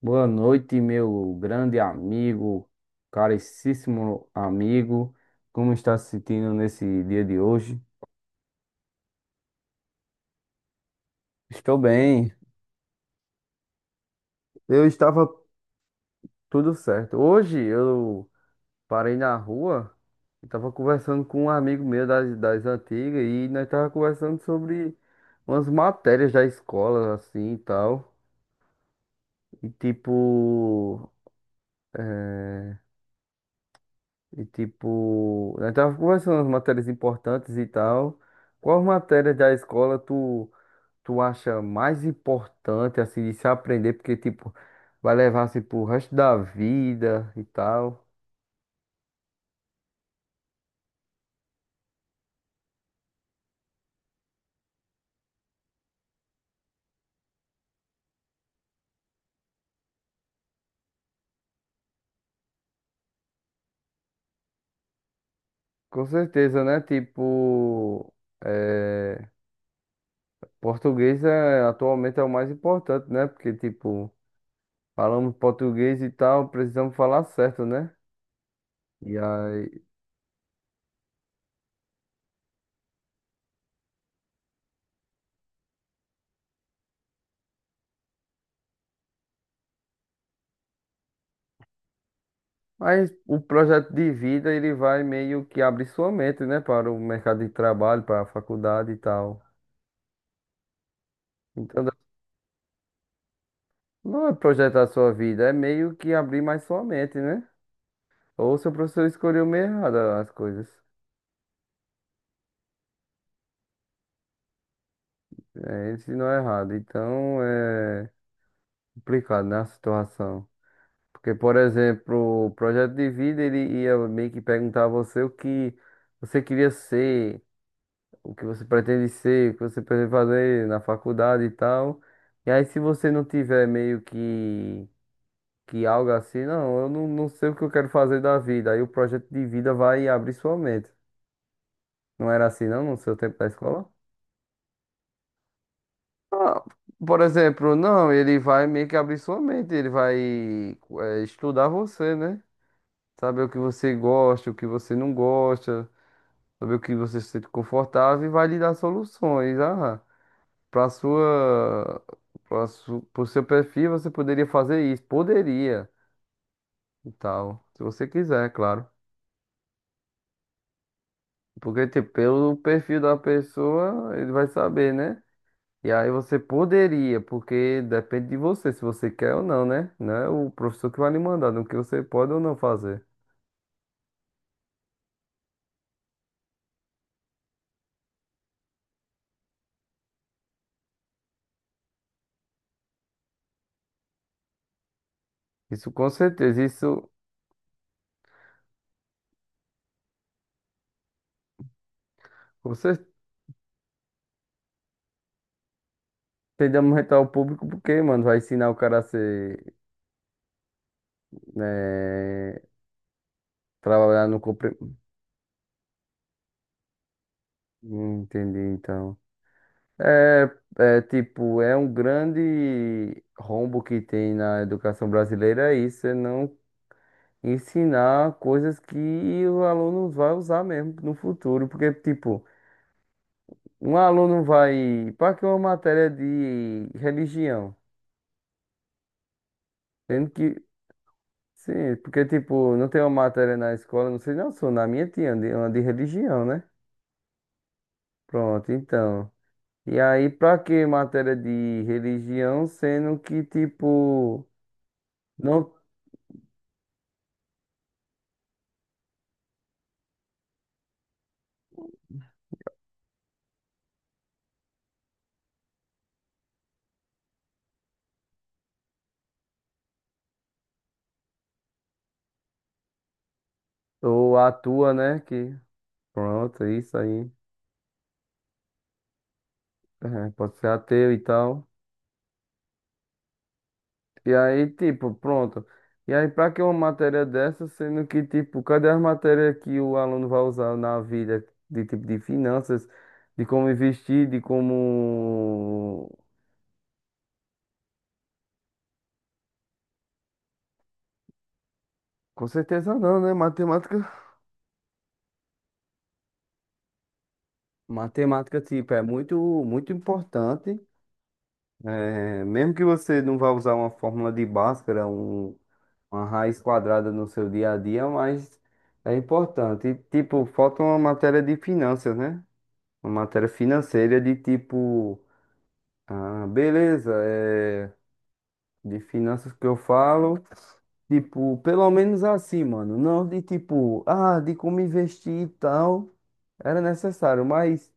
Boa noite, meu grande amigo, caríssimo amigo. Como está se sentindo nesse dia de hoje? Estou bem. Eu estava tudo certo. Hoje eu parei na rua e estava conversando com um amigo meu das antigas e nós estávamos conversando sobre umas matérias da escola, assim e tal. E tipo. E tipo. Nós estávamos conversando umas matérias importantes e tal. Qual matéria da escola tu. Tu acha mais importante, assim, de se aprender, porque, tipo, vai levar, assim, pro resto da vida e tal? Com certeza, né? Tipo, é, português é, atualmente é o mais importante, né? Porque, tipo, falamos português e tal, precisamos falar certo, né? E aí, mas o projeto de vida, ele vai meio que abrir sua mente, né? Para o mercado de trabalho, para a faculdade e tal. Então, não é projetar sua vida, é meio que abrir mais sua mente, né? Ou seu professor escolheu meio errado as coisas. É, ele ensinou errado. Então é complicado, né, a situação. Porque, por exemplo, o projeto de vida, ele ia meio que perguntar a você o que você queria ser, o que você pretende ser, o que você pretende fazer na faculdade e tal. E aí, se você não tiver meio que algo assim, não, eu não sei o que eu quero fazer da vida. Aí o projeto de vida vai abrir sua mente. Não era assim, não, no seu tempo da escola? Ah, por exemplo, não, ele vai meio que abrir sua mente, ele vai estudar você, né? Saber o que você gosta, o que você não gosta, saber o que você se sente confortável e vai lhe dar soluções. Ah, para sua, pro seu perfil você poderia fazer isso, poderia e tal, se você quiser, claro. Porque, tipo, pelo perfil da pessoa, ele vai saber, né? E aí você poderia, porque depende de você, se você quer ou não, né? Não é o professor que vai lhe mandar no que você pode ou não fazer. Isso com certeza, isso você tem de aumentar o público porque, mano, vai ensinar o cara a ser, né, trabalhar no compre... Entendi, então. É, é tipo, é um grande rombo que tem na educação brasileira é isso, é não ensinar coisas que o aluno vai usar mesmo no futuro, porque, tipo, um aluno vai para que uma matéria de religião, sendo que sim, porque tipo, não tem uma matéria na escola, não sei não, sou na minha tinha de, uma de religião, né? Pronto, então. E aí para que matéria de religião, sendo que tipo não ou atua, né, que pronto, é isso aí. Aham, pode ser ateu e tal. E aí, tipo, pronto. E aí, pra que uma matéria dessa, sendo que, tipo, cadê as matérias que o aluno vai usar na vida, de tipo, de finanças, de como investir, de como. Com certeza não, né? Matemática. Matemática, tipo, é muito, muito importante. É, mesmo que você não vá usar uma fórmula de Bhaskara, um, uma raiz quadrada no seu dia a dia, mas é importante. E, tipo, falta uma matéria de finanças, né? Uma matéria financeira de tipo, ah, beleza, é de finanças que eu falo, tipo, pelo menos assim, mano, não de tipo, ah, de como investir e tal, era necessário, mas,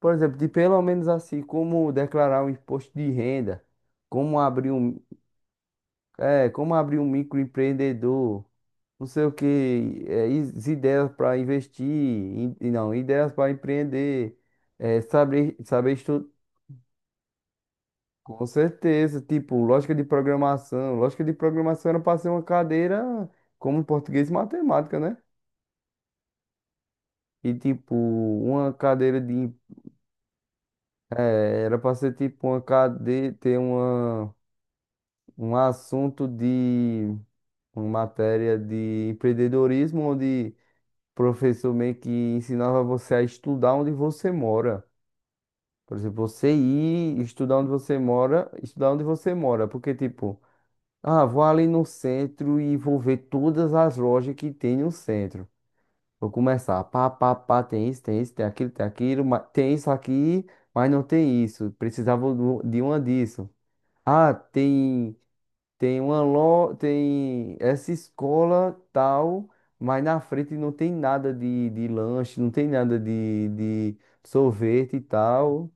por exemplo, de pelo menos assim, como declarar um imposto de renda, como abrir um, é, como abrir um microempreendedor, não sei o que, é, ideias para investir, e não, ideias para empreender, é, saber com certeza, tipo, lógica de programação. Lógica de programação era para ser uma cadeira como português e matemática, né? E tipo, uma cadeira de. É, era para ser tipo uma cadeira, ter uma, um assunto de uma matéria de empreendedorismo, onde o professor meio que ensinava você a estudar onde você mora. Por exemplo, você ir estudar onde você mora, estudar onde você mora. Porque, tipo, ah, vou ali no centro e vou ver todas as lojas que tem no centro. Vou começar, pá, pá, pá, tem isso, tem isso, tem aquilo, tem aquilo, tem isso aqui, mas não tem isso. Precisava de uma disso. Ah, tem, tem uma loja, tem essa escola tal, mas na frente não tem nada de, de lanche, não tem nada de, de sorvete e tal.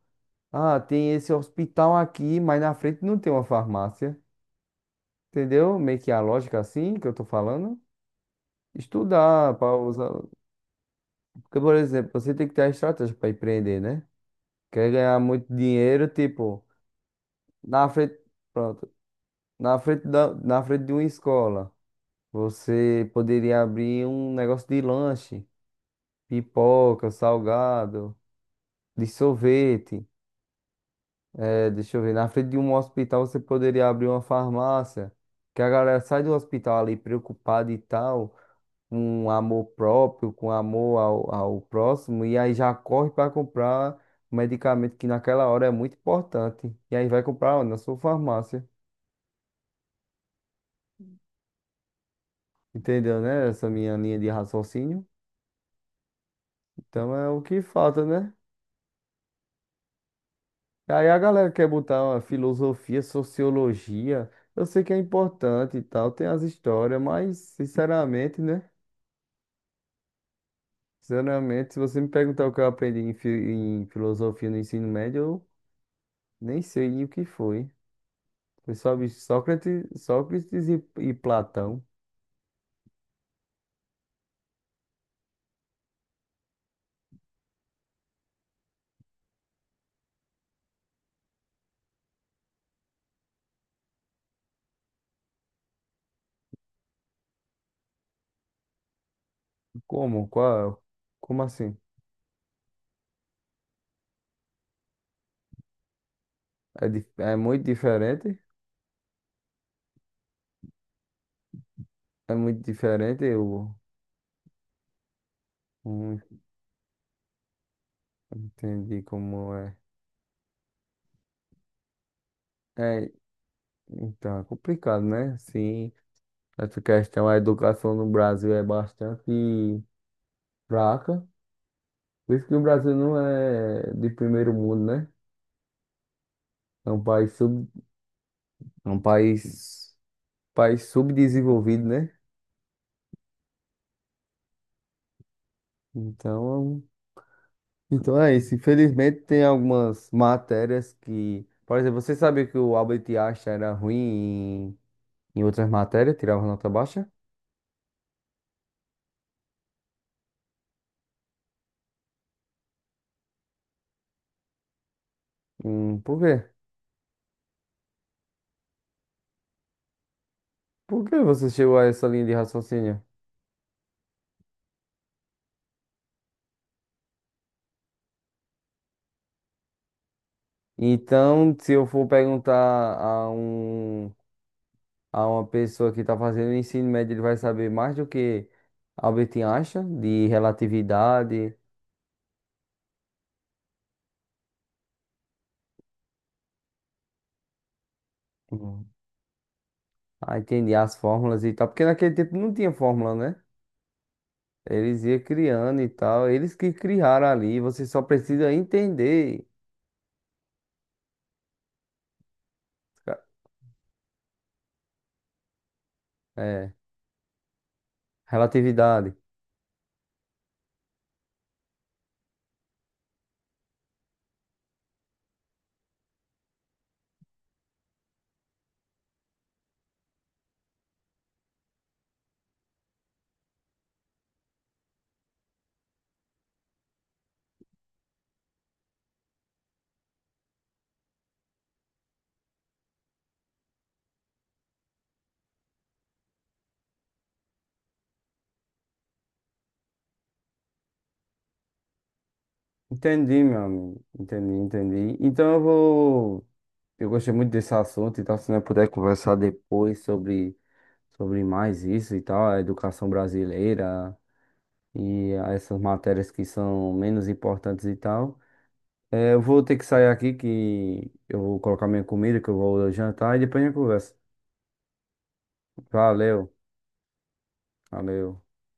Ah, tem esse hospital aqui, mas na frente não tem uma farmácia. Entendeu? Meio que a lógica assim que eu tô falando. Estudar para usar. Porque, por exemplo, você tem que ter a estratégia para empreender, né? Quer ganhar muito dinheiro, tipo, na frente, pronto, na frente da, na frente de uma escola, você poderia abrir um negócio de lanche, pipoca, salgado, de sorvete. É, deixa eu ver, na frente de um hospital, você poderia abrir uma farmácia. Que a galera sai do hospital ali preocupada e tal, com amor próprio, com amor ao, ao próximo, e aí já corre para comprar um medicamento que naquela hora é muito importante. E aí vai comprar onde? Na sua farmácia. Entendeu, né? Essa minha linha de raciocínio. Então é o que falta, né? Aí a galera quer botar uma filosofia, sociologia. Eu sei que é importante e tal, tem as histórias, mas sinceramente, né? Sinceramente, se você me perguntar o que eu aprendi em, em filosofia no ensino médio, eu nem sei o que foi. Foi só Sócrates, Sócrates e Platão. Como? Qual? Como assim? É, é muito diferente? É muito diferente, eu não entendi como é. É, então, é complicado, né? Sim, essa questão, a educação no Brasil é bastante fraca. Por isso que o Brasil não é de primeiro mundo, né? É um país sub, é um país, país subdesenvolvido, né? Então, então é isso. Infelizmente tem algumas matérias que, por exemplo, você sabia que o Albert Einstein era ruim em, em outras matérias, tirava nota baixa? Por quê? Por que você chegou a essa linha de raciocínio? Então, se eu for perguntar a um a uma pessoa que está fazendo ensino médio, ele vai saber mais do que Albert Einstein de relatividade. Ah, entendi as fórmulas e tal, porque naquele tempo não tinha fórmula, né? Eles iam criando e tal, eles que criaram ali, você só precisa entender. É, relatividade. Entendi, meu amigo. Entendi, entendi. Então eu vou. Eu gostei muito desse assunto, então se nós puder conversar depois sobre, sobre mais isso e tal, a educação brasileira e essas matérias que são menos importantes e tal. É, eu vou ter que sair aqui que eu vou colocar minha comida, que eu vou jantar e depois a gente conversa. Valeu, valeu.